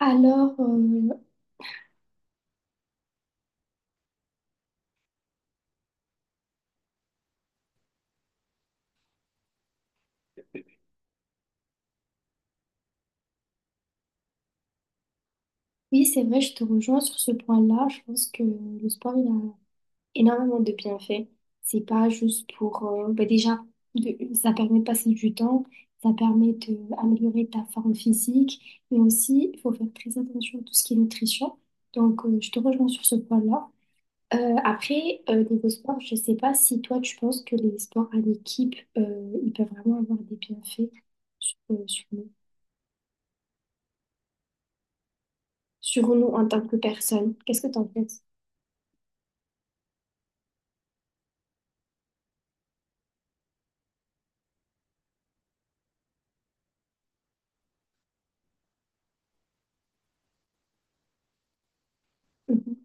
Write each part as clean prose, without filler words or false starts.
Alors, euh, oui, c'est vrai, je te rejoins sur ce point-là. Je pense que le sport, il a énormément de bienfaits. C'est pas juste pour... bah déjà, ça permet de passer du temps, ça permet d'améliorer ta forme physique, mais aussi, il faut faire très attention à tout ce qui est nutrition. Donc, je te rejoins sur ce point-là. Niveau sport, je sais pas si toi, tu penses que les sports en équipe, ils peuvent vraiment avoir des bienfaits sur, euh, sur nous, sur nous en tant que personne. Qu'est-ce que t'en penses? Mhm.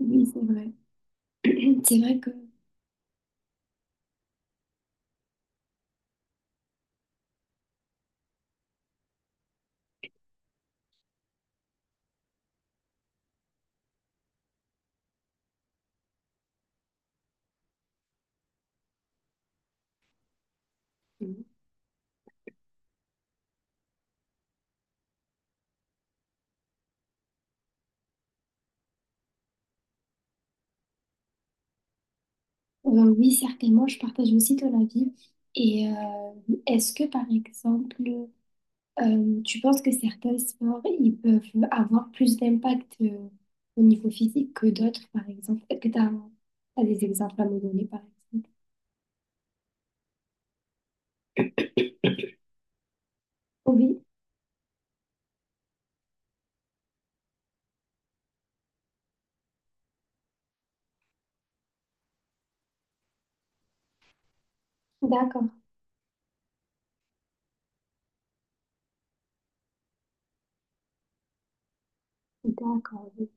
Oui, c'est vrai. C'est vrai que, oui, certainement, je partage aussi ton avis. Et euh, Est-ce que, par exemple, tu penses que certains sports, ils peuvent avoir plus d'impact au niveau physique que d'autres, par exemple? Est-ce que tu as des exemples à me donner, par exemple? Oui, d'accord, d'accord, oui.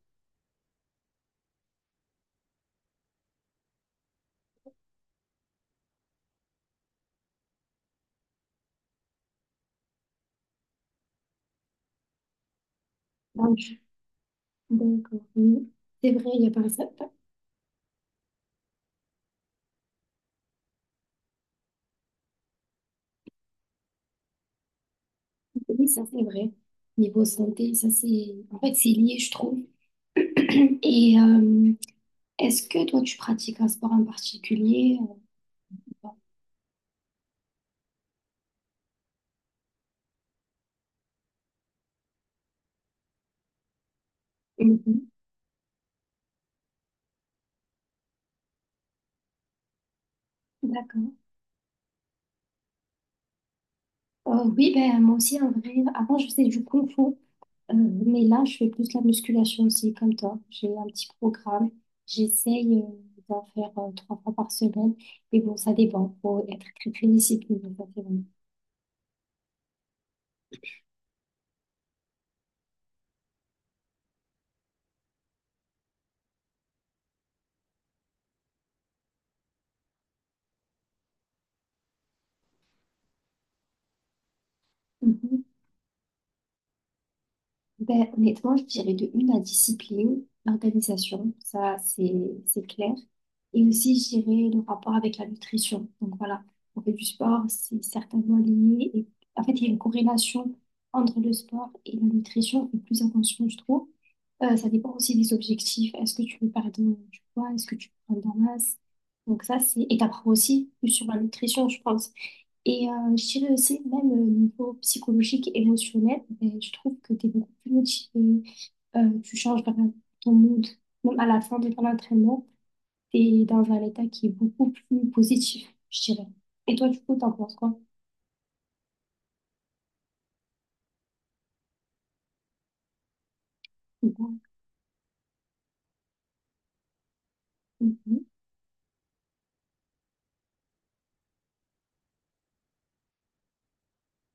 Donc, je- d'accord, oui. C'est vrai, il y a par exemple, oui, ça c'est vrai. Niveau santé, ça c'est, en fait, c'est lié, je trouve. Et euh, Est-ce que toi, tu pratiques un sport en particulier? euh, Mhm. D'accord. Oui, ben, moi aussi, en vrai, avant, je faisais du kung fu, euh, mais là, je fais plus la musculation aussi, comme toi. J'ai un petit programme. J'essaye d'en faire 3 fois par semaine, mais bon, ça dépend. Faut être très, très discipliné, ça, c'est vrai. Ben, honnêtement, je dirais de une la discipline, l'organisation, ça c'est clair. Et aussi, je dirais le rapport avec la nutrition. Donc voilà, on fait du sport, c'est certainement lié. Et en fait, il y a une corrélation entre le sport et la nutrition. Et plus attention, je trouve. Ça dépend aussi des objectifs. Est-ce que tu veux perdre du poids? Est-ce que tu veux prendre de la masse? Donc ça, c'est... Et t'apprends aussi plus sur la nutrition, je pense. Je dirais aussi, même au niveau psychologique, émotionnel, ben, je trouve que tu es beaucoup plus motivé, tu changes vraiment ton mood. Même à la fin de ton entraînement, tu es dans un état qui est beaucoup plus positif, je dirais. Et toi, du coup, t'en penses quoi? Mhm. Mhm.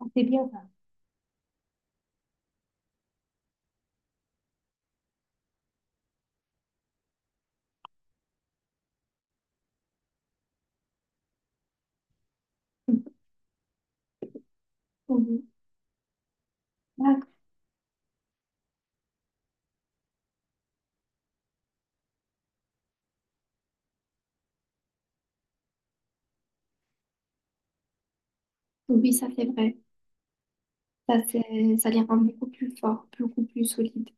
Ah, c'est bien ça. Oui, d'accord. Oui, ça c'est vrai. Ça, c'est, ça les rend beaucoup plus forts, beaucoup plus solides.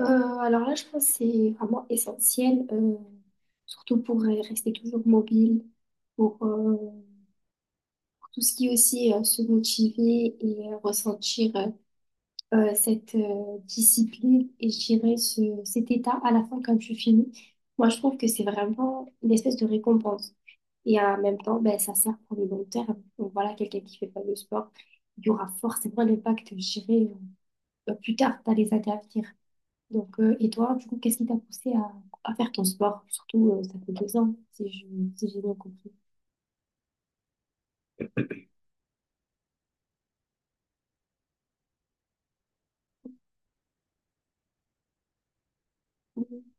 Euh, alors là, je pense que c'est vraiment essentiel, surtout pour rester toujours mobile, pour tout ce qui est aussi se motiver et ressentir cette discipline et je dirais ce, cet état à la fin quand tu finis. Moi, je trouve que c'est vraiment une espèce de récompense. Et en même temps, ben, ça sert pour le long terme. Donc voilà, quelqu'un qui fait pas de sport, il y aura forcément un impact, je dirais, plus tard dans les années à venir. Donc, et toi, du coup, qu'est-ce qui t'a poussé à faire ton sport? Surtout, ça fait 2 ans, si j'ai bien compris. Mhm.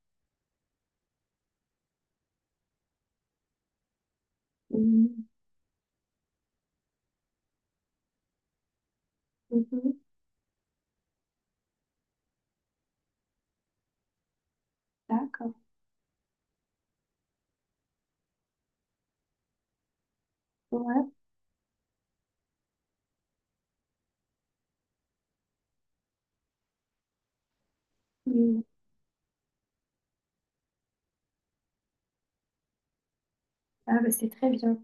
Mhm. Mhm. D'accord. Ouais. Mm. Ah, bah, c'est très bien.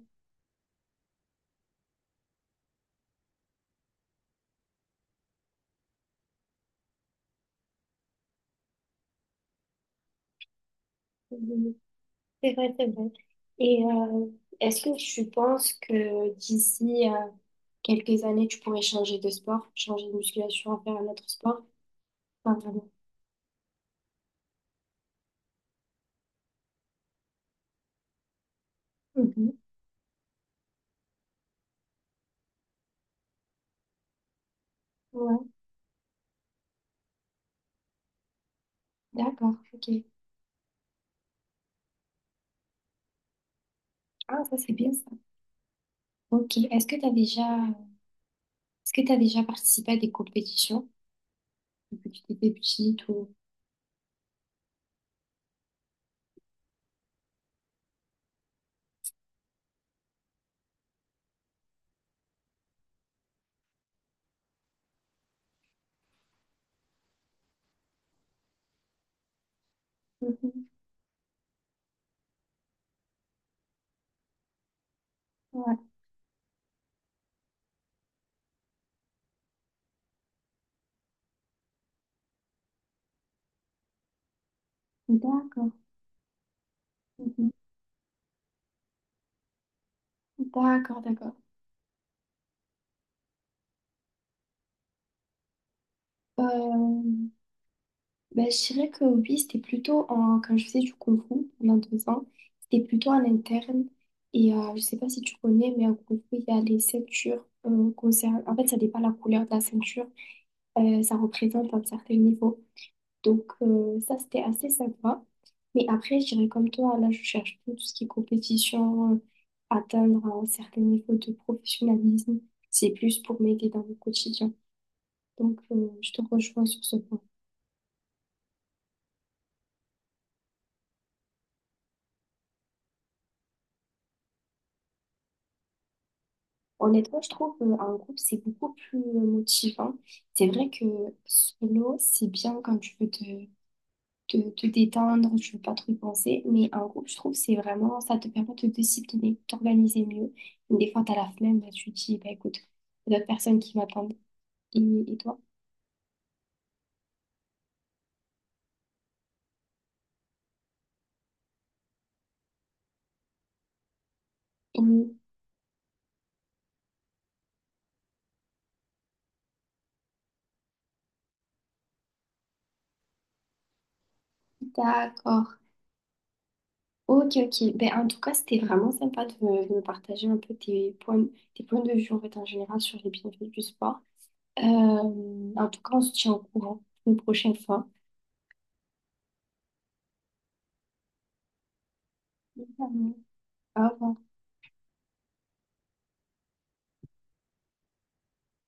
Mm. C'est vrai, c'est vrai. Et euh, Est-ce que tu penses que d'ici quelques années, tu pourrais changer de sport, changer de musculation, faire un autre sport? Enfin, vraiment. Mhm. Ouais, d'accord, ok. Ah, ça, c'est bien ça. Ok, est-ce que tu as déjà, est-ce que tu déjà participé à des compétitions depuis que tu étais petite ou... Mhm. Ouais, d'accord. Mhm. D'accord, d'accord. Euh, Ben, je dirais que oui, c'était plutôt en, quand je faisais du Kung Fu pendant 2 ans, c'était plutôt en interne. Je sais pas si tu connais, mais en Kung Fu, il y a les ceintures. En fait, ça dépend de la couleur de la ceinture. Ça représente un certain niveau. Donc, ça, c'était assez sympa. Mais après, je dirais comme toi, là, je cherche plus tout ce qui est compétition, atteindre un certain niveau de professionnalisme. C'est plus pour m'aider dans mon quotidien. Donc, je te rejoins sur ce point. Honnêtement, je trouve qu'un groupe, c'est beaucoup plus motivant. C'est vrai que solo, c'est bien quand tu veux te détendre, tu veux pas trop y penser, mais un groupe, je trouve, c'est vraiment, ça te permet de te discipliner, de t'organiser mieux. Des fois, t'as la flemme, bah, tu te dis, bah, écoute, il y a d'autres personnes qui m'attendent. Et, et toi? Mm, d'accord. Ok, ok. Ben, en tout cas, c'était vraiment sympa de me partager un peu tes points de vue en fait, en général sur les bienfaits du sport. Euh, En tout cas, on se tient au courant une prochaine fois. Évidemment. Au revoir.